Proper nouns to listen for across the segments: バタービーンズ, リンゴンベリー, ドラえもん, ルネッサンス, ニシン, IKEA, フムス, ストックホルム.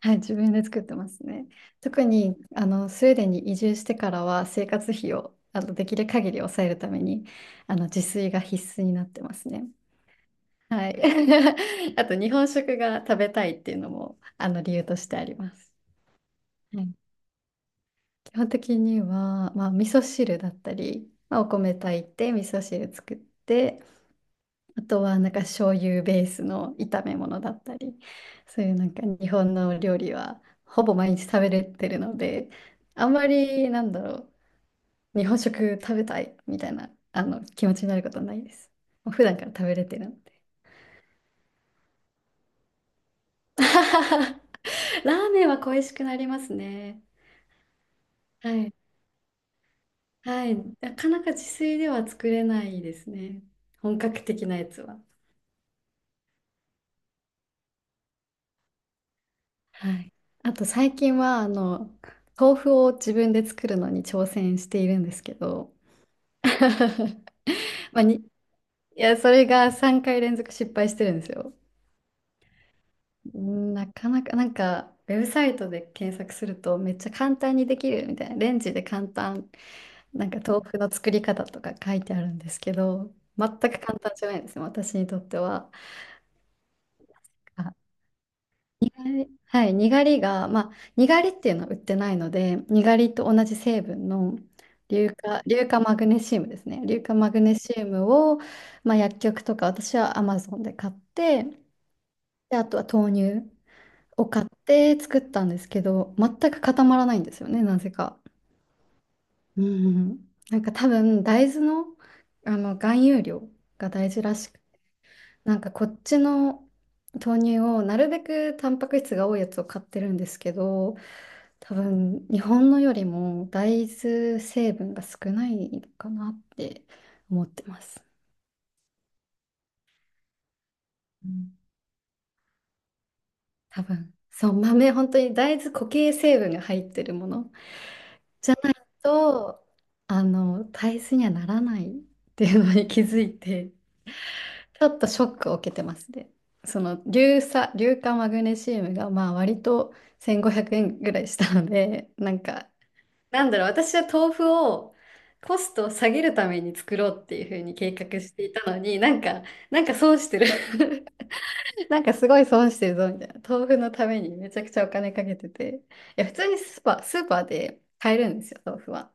はい、自分で作ってますね。特にスウェーデンに移住してからは生活費をできる限り抑えるために自炊が必須になってますね。はい。あと日本食が食べたいっていうのも理由としてあります。はい、基本的には、まあ、味噌汁だったり、まあ、お米炊いて味噌汁作って、あとはなんか醤油ベースの炒め物だったり、そういうなんか日本の料理はほぼ毎日食べれてるので、あんまりなんだろう、日本食食べたいみたいな気持ちになることはないです。もう普段から食べれてるので。ラーメンは恋しくなりますね。はい。はい。なかなか自炊では作れないですね。本格的なやつは。はい。あと最近は、あの、豆腐を自分で作るのに挑戦しているんですけど、まあ、や、それが3回連続失敗してるんですよ。なかなか、なんか、ウェブサイトで検索するとめっちゃ簡単にできるみたいな、レンジで簡単、なんか豆腐の作り方とか書いてあるんですけど、全く簡単じゃないんですよ、私にとっては。はい、にがりが、まあ、にがりっていうのは売ってないので、にがりと同じ成分の硫化マグネシウムですね。硫化マグネシウムを、まあ、薬局とか、私はアマゾンで買って、で、あとは豆乳を買って作ったんですけど、全く固まらないんですよね、なぜか。うん。なんか多分、大豆の、含有量が大事らしく、なんかこっちの豆乳をなるべくタンパク質が多いやつを買ってるんですけど、多分日本のよりも大豆成分が少ないかなって思ってます。うん、多分そう、豆本当に大豆固形成分が入ってるものと大豆にはならないっていうのに気づいて、ちょっとショックを受けてますね。その硫化マグネシウムがまあ割と1500円ぐらいしたので、なんかなんだろう、私は豆腐をコストを下げるために作ろうっていうふうに計画していたのに、なんか、なんか損してる。 なんかすごい損してるぞみたいな。豆腐のためにめちゃくちゃお金かけてて。いや、普通にスーパーで買えるんですよ、豆腐は。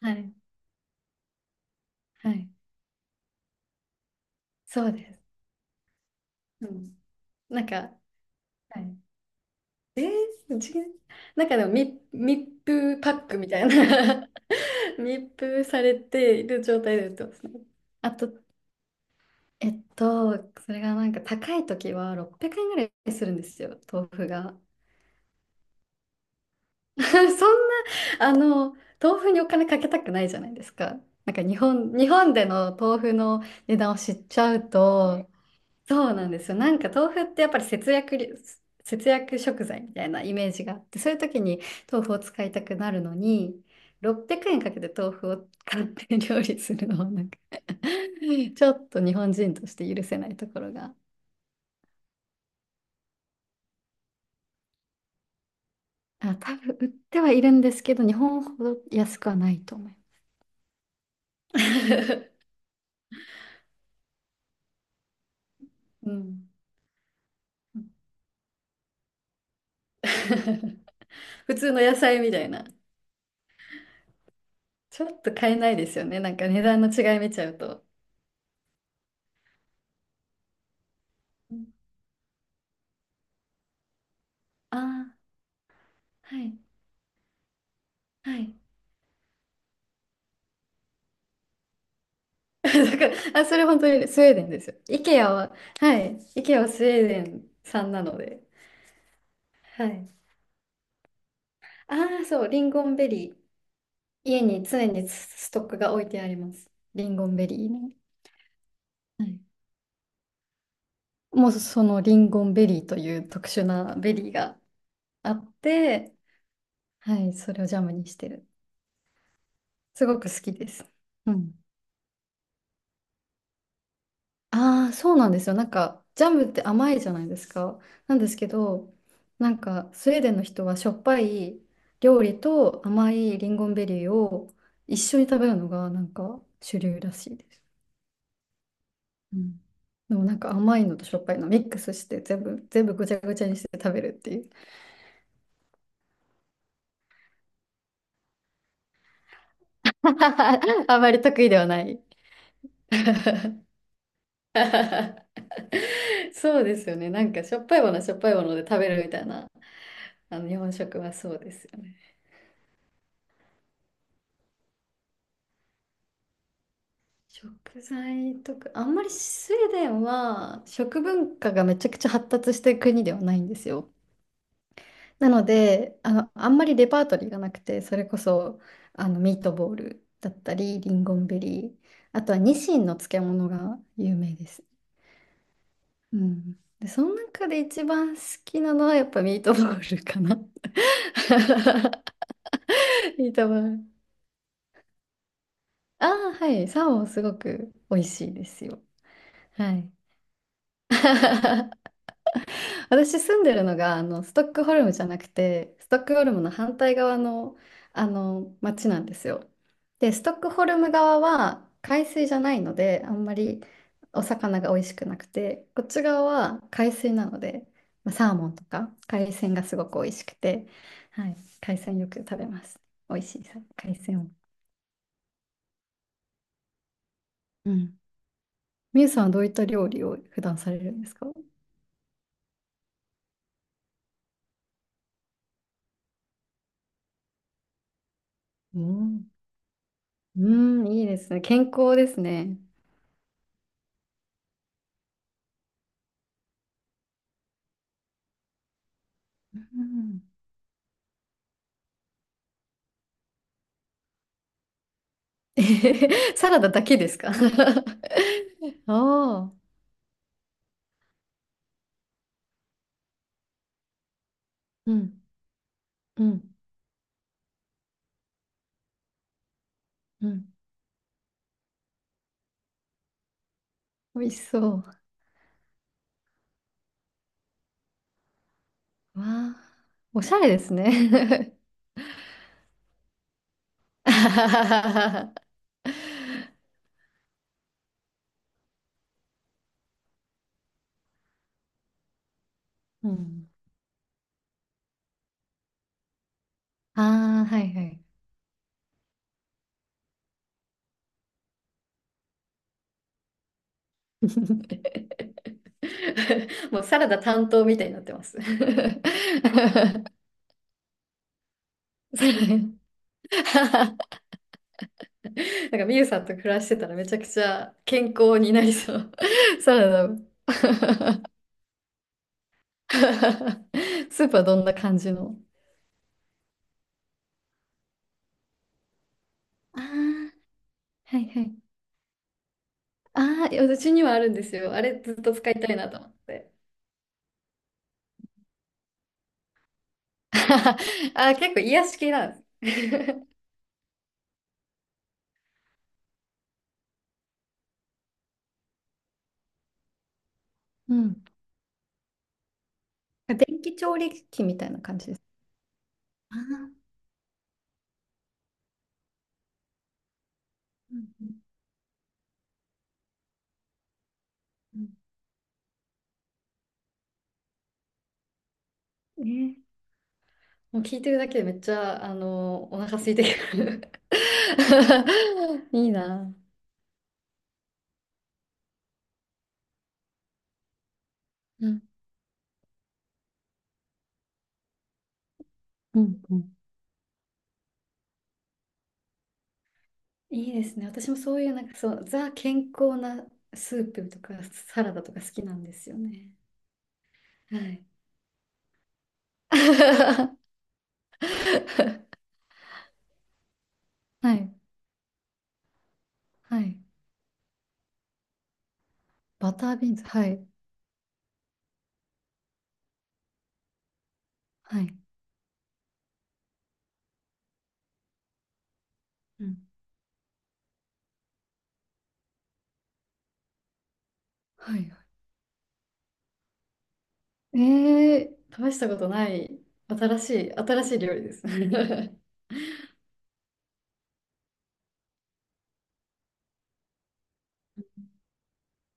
はい、はい。そうです。うん。なんか、はい。えー、違う。なんかでも密封パックみたいな。 密封されている状態で売ってますね。あと、えっと、それがなんか高い時は600円ぐらいするんですよ、豆腐が。そんな、あの、豆腐にお金かけたくないじゃないですか。なんか日本での豆腐の値段を知っちゃうと、そうなんですよ。なんか豆腐ってやっぱり節約食材みたいなイメージがあって、そういう時に豆腐を使いたくなるのに、600円かけて豆腐を買って料理するのはなんか、 ちょっと日本人として許せないところが、あ、多分売ってはいるんですけど、日本ほど安くはないと思います。うん。普通の野菜みたいな。ちょっと買えないですよね。なんか値段の違い見ちゃうと。ああー、はい、はい。だから、あ、それ本当にスウェーデンですよ。IKEA は、はい、IKEA はスウェーデン産なので。はい。ああ、そう、リンゴンベリー。家に常にスストックが置いてあります。リンゴンベリーね。はい、もうそのリンゴンベリーという特殊なベリーがあって、はい、それをジャムにしてる。すごく好きです。うん。ああ、そうなんですよ。なんか、ジャムって甘いじゃないですか。なんですけど、なんか、スウェーデンの人はしょっぱい料理と甘いリンゴンベリーを一緒に食べるのが、なんか、主流らしいです。うん。でもなんか甘いのとしょっぱいのミックスして全部ぐちゃぐちゃにして食べるっていう。あまり得意ではない。そうですよね。なんかしょっぱいものはしょっぱいもので食べるみたいな、日本食はそうですよね。食材とか、あんまりスウェーデンは食文化がめちゃくちゃ発達してる国ではないんですよ。なので、あの、あんまりレパートリーがなくて、それこそミートボールだったり、リンゴンベリー、あとはニシンの漬物が有名です。うん。で、その中で一番好きなのはやっぱミートボールかな。ミートボール、ああ、はい。サーモンすごく美味しいですよ。はい。私住んでるのがストックホルムじゃなくて、ストックホルムの反対側の、あの町なんですよ。でストックホルム側は海水じゃないのであんまりお魚が美味しくなくて、こっち側は海水なので、まあ、サーモンとか海鮮がすごく美味しくて、はい、海鮮よく食べます。美味しいさ海鮮を。うん。みゆさんはどういった料理を普段されるんですか？うん、うん、いいですね。健康ですね。うん、えへへ、サラダだけですか？ おー、うん、うん、うん。美味しそう。わあ、おしゃれですね。あははははうん。ああ、はいはい。もうサラダ担当みたいになってます。なんかミユさんと暮らしてたらめちゃくちゃ健康になりそう。サラダ。スープはどんな感じの？ああ、はいはい。ああ、いやうちにはあるんですよ。あれずっと使いたいなと思って。あー、結構癒し系なんです。うん。電気調理器みたいな感じです。ああ、うんうんうんね、もう聞いてるだけでめっちゃ、あのお腹空いてくる。 いいな。うんうんうん、いいですね。私もそういう、なんかそう、ザ健康なスープとかサラダとか好きなんですよね。はい。はい。はい。バタービーンズ。はい。はい。うん。はい。はい、えー、試したことない、新しい料理ですね。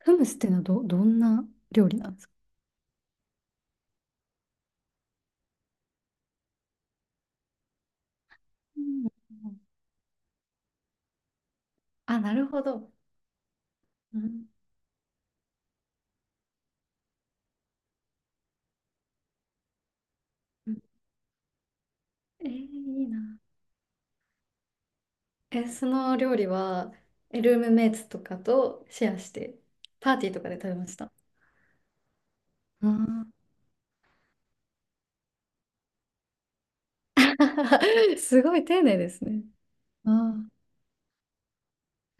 フムスっていうのはどんな料理なんですか？うんうん、あ、なるほど。うんうん、えー、いいな。え、その料理は、えルームメイツとかとシェアして、パーティーとかで食べました。あー。 すごい丁寧ですね。あー、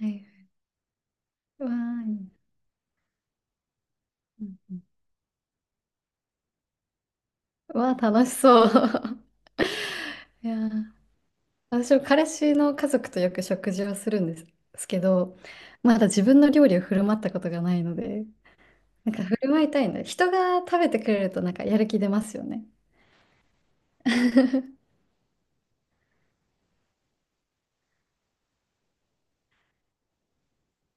はい。うわーいい、うんうん、うわあ、楽しそう。いやー、私も彼氏の家族とよく食事をするんですけど、まだ自分の料理を振る舞ったことがないので、なんか振る舞いたいんだ。人が食べてくれるとなんかやる気出ますよね。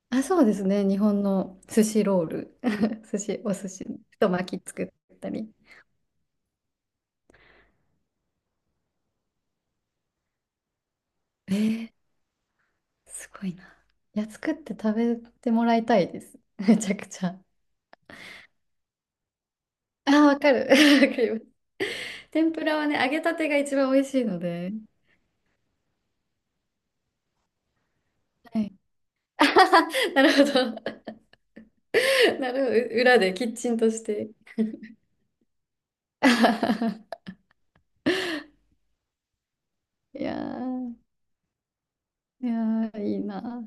あ、そうですね。日本の寿司ロール。寿司、お寿司、太巻き作ったり。えー、すごいな。いや、作って食べてもらいたいです。めちゃくちゃ。ああ、わかる。わかります。天ぷらはね、揚げたてが一番美味しいので。はい。あはは、なるほど。なるほど。う裏でキッチンとして。あはは、いやー、いやー、いいな。